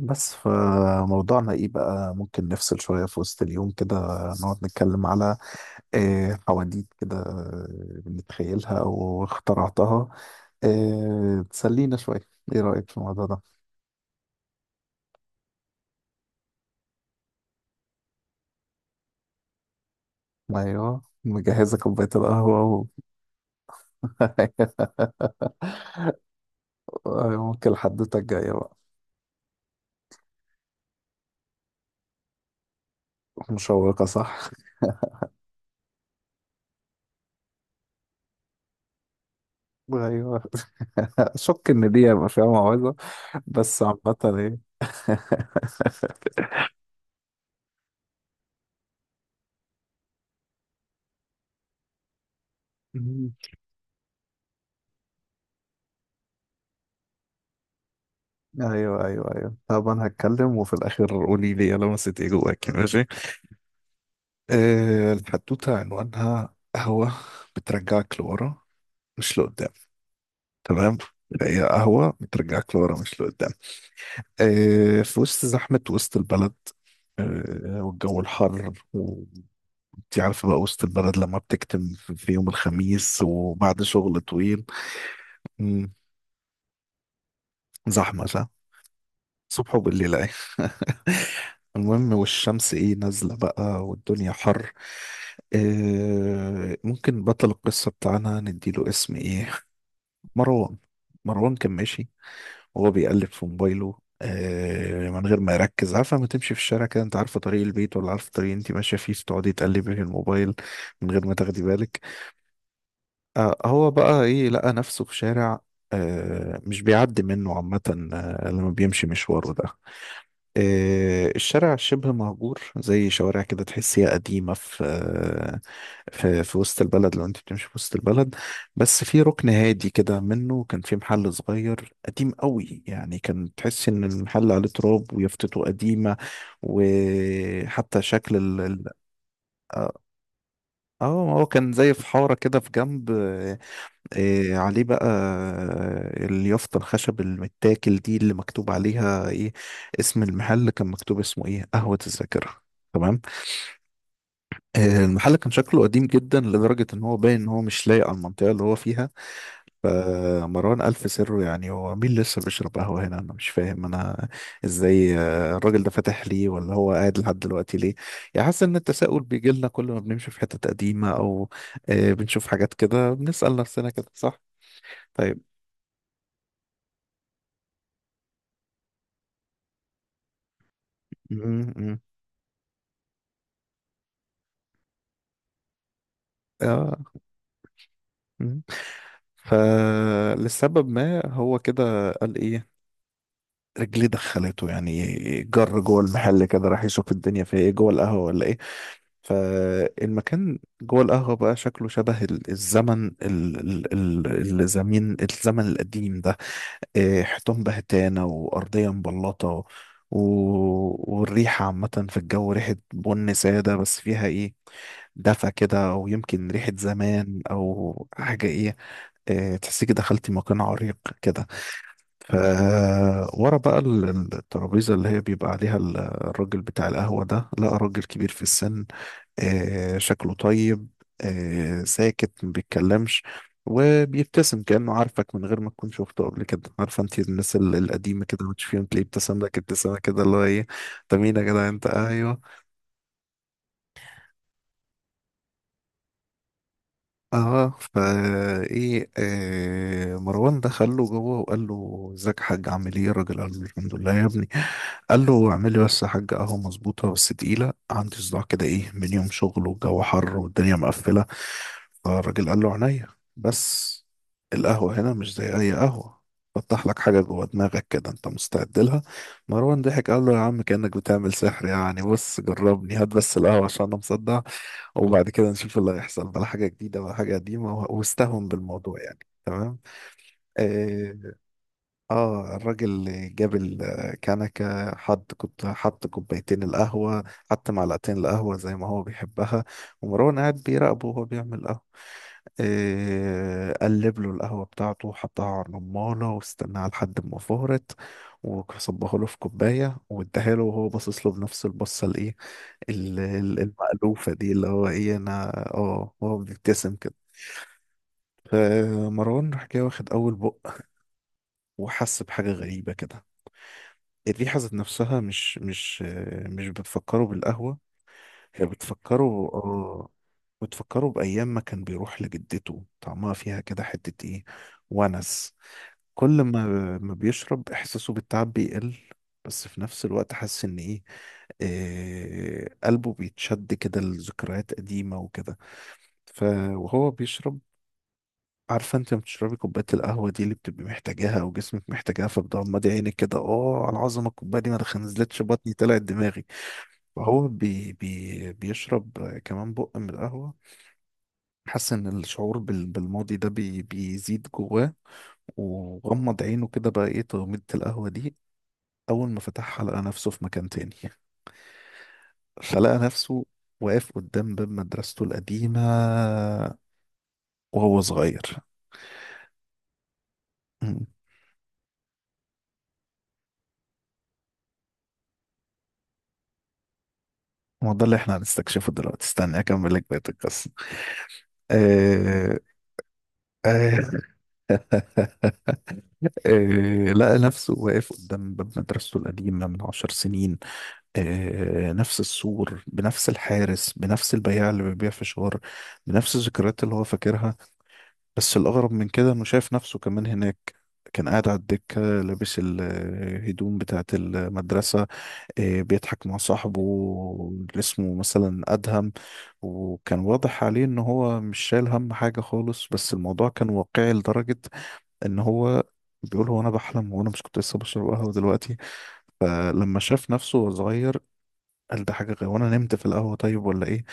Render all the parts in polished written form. بس فموضوعنا ايه بقى ممكن نفصل شوية في وسط اليوم كده، نقعد نتكلم على حواديت كده، بنتخيلها او اخترعتها. تسلينا شوية. ايه رأيك في الموضوع ده؟ ايوه، مجهزة كوباية القهوة. أيوة، ممكن حدوتة الجاية بقى. مشوقة صح؟ ايوه. اشك ان دي هيبقى فيها موعظة. بس عامة ايه. ايوه، ايوه، ايوه، طب انا هتكلم وفي الاخر قولي لي يا لمست ايه جواك. ماشي. الحدوته عنوانها قهوه، بترجعك لورا مش لقدام. تمام. هي قهوه بترجعك لورا مش لقدام. في وسط زحمه، وسط البلد. والجو الحر، وانت عارفه بقى وسط البلد لما بتكتم في يوم الخميس وبعد شغل طويل. مم، زحمه صح، صبح وبالليل ايه. المهم، والشمس ايه نازلة بقى والدنيا حر. ممكن بطل القصة بتاعنا نديله اسم ايه؟ مروان. مروان كان ماشي وهو بيقلب في موبايله من غير ما يركز. عارفة لما تمشي في الشارع كده، انت عارفة طريق البيت ولا عارفة الطريق اللي انت ماشية فيه، فتقعدي تقلبي في الموبايل من غير ما تاخدي بالك. هو بقى لقى نفسه في شارع مش بيعدي منه عامة، لما بيمشي مشواره ده. الشارع شبه مهجور، زي شوارع كده تحسيها قديمة، في آه، في في وسط البلد، لو انت بتمشي في وسط البلد. بس في ركن هادي كده منه، كان في محل صغير قديم قوي، يعني كان تحس ان المحل عليه تراب ويافطته قديمة. وحتى شكل اه هو كان زي في حارة كده في جنب. عليه بقى اليافطة، الخشب المتاكل دي اللي مكتوب عليها ايه؟ اسم المحل كان مكتوب اسمه ايه، قهوة الذاكرة. تمام. المحل كان شكله قديم جدا، لدرجة ان هو باين ان هو مش لايق على المنطقة اللي هو فيها. فمروان ألف سره، يعني هو مين لسه بيشرب قهوة هنا؟ انا مش فاهم انا ازاي الراجل ده فاتح ليه، ولا هو قاعد لحد دلوقتي ليه. يعني حاسس ان التساؤل بيجي لنا كل ما بنمشي في حتة قديمة، او بنشوف حاجات كده بنسأل نفسنا كده، صح؟ طيب. اه. مم. فلسبب ما هو كده قال ايه، رجليه دخلته يعني. جر جوه المحل كده، راح يشوف الدنيا فيها ايه جوه القهوه، ولا ايه. فالمكان جوه القهوه بقى شكله شبه الزمن ال- ال- ال- الزمين الزمن القديم ده. حيطان بهتانه وارضيه مبلطه والريحه عامه في الجو، ريحه بن ساده، بس فيها دفى كده، او يمكن ريحه زمان او حاجه ايه. تحسيكي دخلتي مكان عريق كده. ف ورا بقى الترابيزة اللي هي بيبقى عليها الراجل بتاع القهوة ده، لقى راجل كبير في السن. شكله طيب، ساكت ما بيتكلمش، وبيبتسم كأنه عارفك من غير ما تكون شفته قبل كده. عارفه انت الناس القديمة كده بتشوفيهم، تلاقيه ابتسم لك ابتسامة كده اللي هو ايه. انت مين يا جدع انت؟ ايوه. اه فا ايه آه مروان دخل له جوه وقال له: ازيك يا حاج، عامل ايه؟ الراجل قال له: الحمد لله يا ابني. قال له: اعمل لي بس يا حاج قهوه مظبوطه، بس تقيله، عندي صداع كده من يوم شغل والجو حر والدنيا مقفله. فالراجل قال له: عينيا. بس القهوه هنا مش زي اي قهوه، فتح لك حاجه جوه دماغك كده، انت مستعد لها؟ مروان ضحك، قال له: يا عم كانك بتعمل سحر يعني، بص جربني، هات بس القهوه عشان انا مصدع، وبعد كده نشوف اللي هيحصل، ولا حاجة جديدة ولا حاجة قديمة، واستهون بالموضوع يعني. تمام. اه. الراجل اللي جاب الكنكة حط حط كوبايتين القهوة، حط معلقتين القهوة زي ما هو بيحبها، ومروان قاعد بيراقبه وهو بيعمل قهوة. قلب له القهوة بتاعته وحطها على الرمانة، واستناها لحد ما فهرت، وصبها له في كوباية، واداها له وهو باصص له بنفس البصة المألوفة دي اللي هو أنا. هو بيبتسم كده. فمروان راح جاي، واخد أول بق، وحس بحاجة غريبة كده. الريحة ذات نفسها مش بتفكره بالقهوة. هي بتفكره بأيام ما كان بيروح لجدته، طعمها فيها كده حتة ونس. كل ما بيشرب، احساسه بالتعب بيقل، بس في نفس الوقت حاسس ان ايه آه، قلبه بيتشد كده لذكريات قديمة وكده. ف وهو بيشرب، عارفة انت لما بتشربي كوباية القهوة دي اللي بتبقي محتاجاها او جسمك محتاجاها، فبتغمضي عينك كده، اه على العظمة الكوباية دي، ما نزلتش بطني طلعت دماغي. فهو بي بي بيشرب كمان بق من القهوة، حاسس ان الشعور بالماضي ده بيزيد جواه، وغمض عينه كده بقى، ايه تغميضة القهوة دي. أول ما فتحها، لقى نفسه في مكان تاني، فلقى نفسه واقف قدام باب مدرسته القديمة وهو صغير. مم. ما ده اللي احنا هنستكشفه دلوقتي، استنى أكمل لك بقية القصة. آه... آه... لقى نفسه واقف قدام باب مدرسته القديمة من 10 سنين. نفس السور، بنفس الحارس، بنفس البياع اللي بيبيع فشار، بنفس الذكريات اللي هو فاكرها. بس الأغرب من كده، إنه شايف نفسه كمان هناك. كان قاعد على الدكة، لابس الهدوم بتاعة المدرسة، بيضحك مع صاحبه اللي اسمه مثلا أدهم، وكان واضح عليه إن هو مش شايل هم حاجة خالص. بس الموضوع كان واقعي لدرجة إن هو بيقول: هو أنا بحلم؟ وأنا مش كنت لسه بشرب قهوة دلوقتي؟ فلما شاف نفسه وهو صغير، قال: ده حاجة غير، وأنا نمت في القهوة طيب ولا إيه؟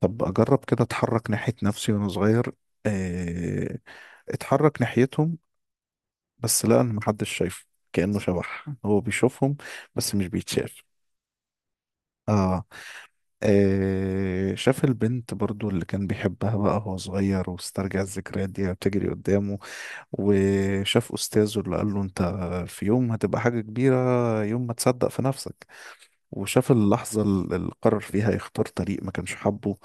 طب أجرب كده، أتحرك ناحية نفسي وأنا صغير. إيه، اتحرك ناحيتهم، بس لا، أنا محدش شايفه، كأنه شبح، هو بيشوفهم بس مش بيتشاف. آه. شاف البنت برضو اللي كان بيحبها بقى وهو صغير، واسترجع الذكريات دي بتجري قدامه. وشاف أستاذه اللي قال له: أنت في يوم هتبقى حاجة كبيرة، يوم ما تصدق في نفسك. وشاف اللحظة اللي قرر فيها يختار طريق ما كانش حابه.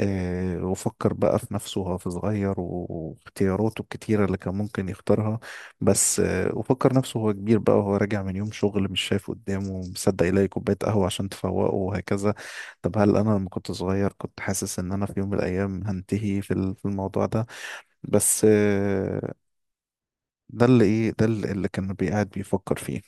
وفكر بقى في نفسه وهو في صغير، واختياراته الكتيرة اللي كان ممكن يختارها. بس وفكر نفسه وهو كبير بقى، وهو راجع من يوم شغل، مش شايف قدامه مصدق يلاقي كوباية قهوة عشان تفوقه، وهكذا. طب هل أنا لما كنت صغير كنت حاسس إن أنا في يوم من الأيام هنتهي في الموضوع ده؟ بس ده اللي كان بيقعد بيفكر فيه.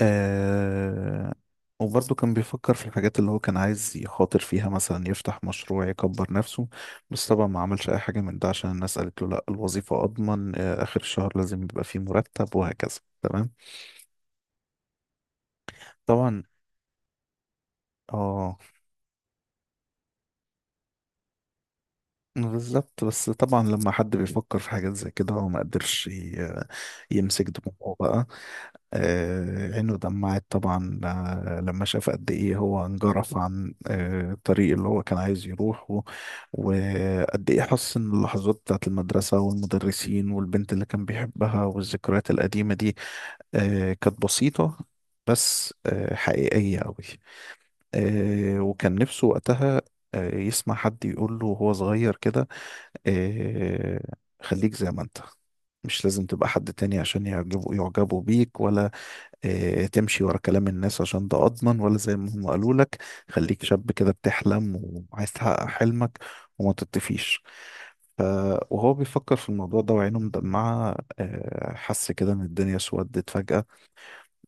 آه وبرضه كان بيفكر في الحاجات اللي هو كان عايز يخاطر فيها، مثلا يفتح مشروع، يكبر نفسه. بس طبعا ما عملش أي حاجة من ده، عشان الناس قالت له لا، الوظيفة أضمن، آخر الشهر لازم يبقى فيه مرتب وهكذا. تمام. طبعا. اه. بالظبط. بس طبعا لما حد بيفكر في حاجات زي كده، هو ما قدرش يمسك دموعه بقى. عينه دمعت طبعا، لما شاف قد ايه هو انجرف عن الطريق اللي هو كان عايز يروحه، وقد ايه حس ان اللحظات بتاعت المدرسة والمدرسين والبنت اللي كان بيحبها والذكريات القديمة دي كانت بسيطة، بس حقيقية أوي. وكان نفسه وقتها يسمع حد يقول له وهو صغير كده إيه خليك زي ما انت، مش لازم تبقى حد تاني عشان يعجبوا بيك، ولا تمشي ورا كلام الناس عشان ده أضمن، ولا زي ما هم قالوا لك. خليك شاب كده بتحلم، وعايز تحقق حلمك، وما تطفيش. ف- وهو بيفكر في الموضوع ده وعينه مدمعة، حس كده إن الدنيا سودت فجأة،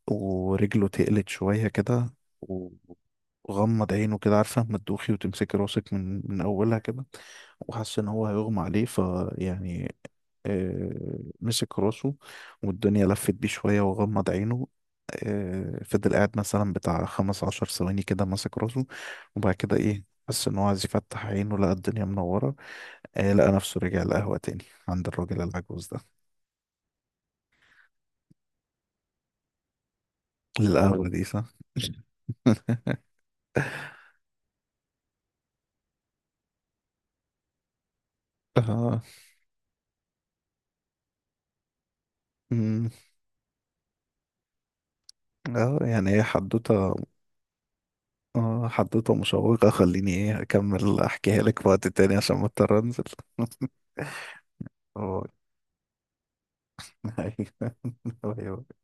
ورجله تقلت شوية كده، وغمض عينه كده، عارفة ما تدوخي وتمسكي راسك من أولها كده، وحس إن هو هيغمى عليه فيعني. آه، مسك راسه والدنيا لفت بيه شوية، وغمض عينه. فضل قاعد مثلا بتاع 15 ثواني كده ماسك راسه، وبعد كده حس ان هو عايز يفتح عينه، لقى الدنيا منورة. لقى نفسه رجع القهوة تاني عند الراجل العجوز ده. القهوة، أوه. دي صح. اه. أمم، اه، يعني هي حدوتة. اه، حدوتة مشوقة، خليني اكمل احكيها لك في وقت تاني عشان ما اضطر انزل. اه. أيوه.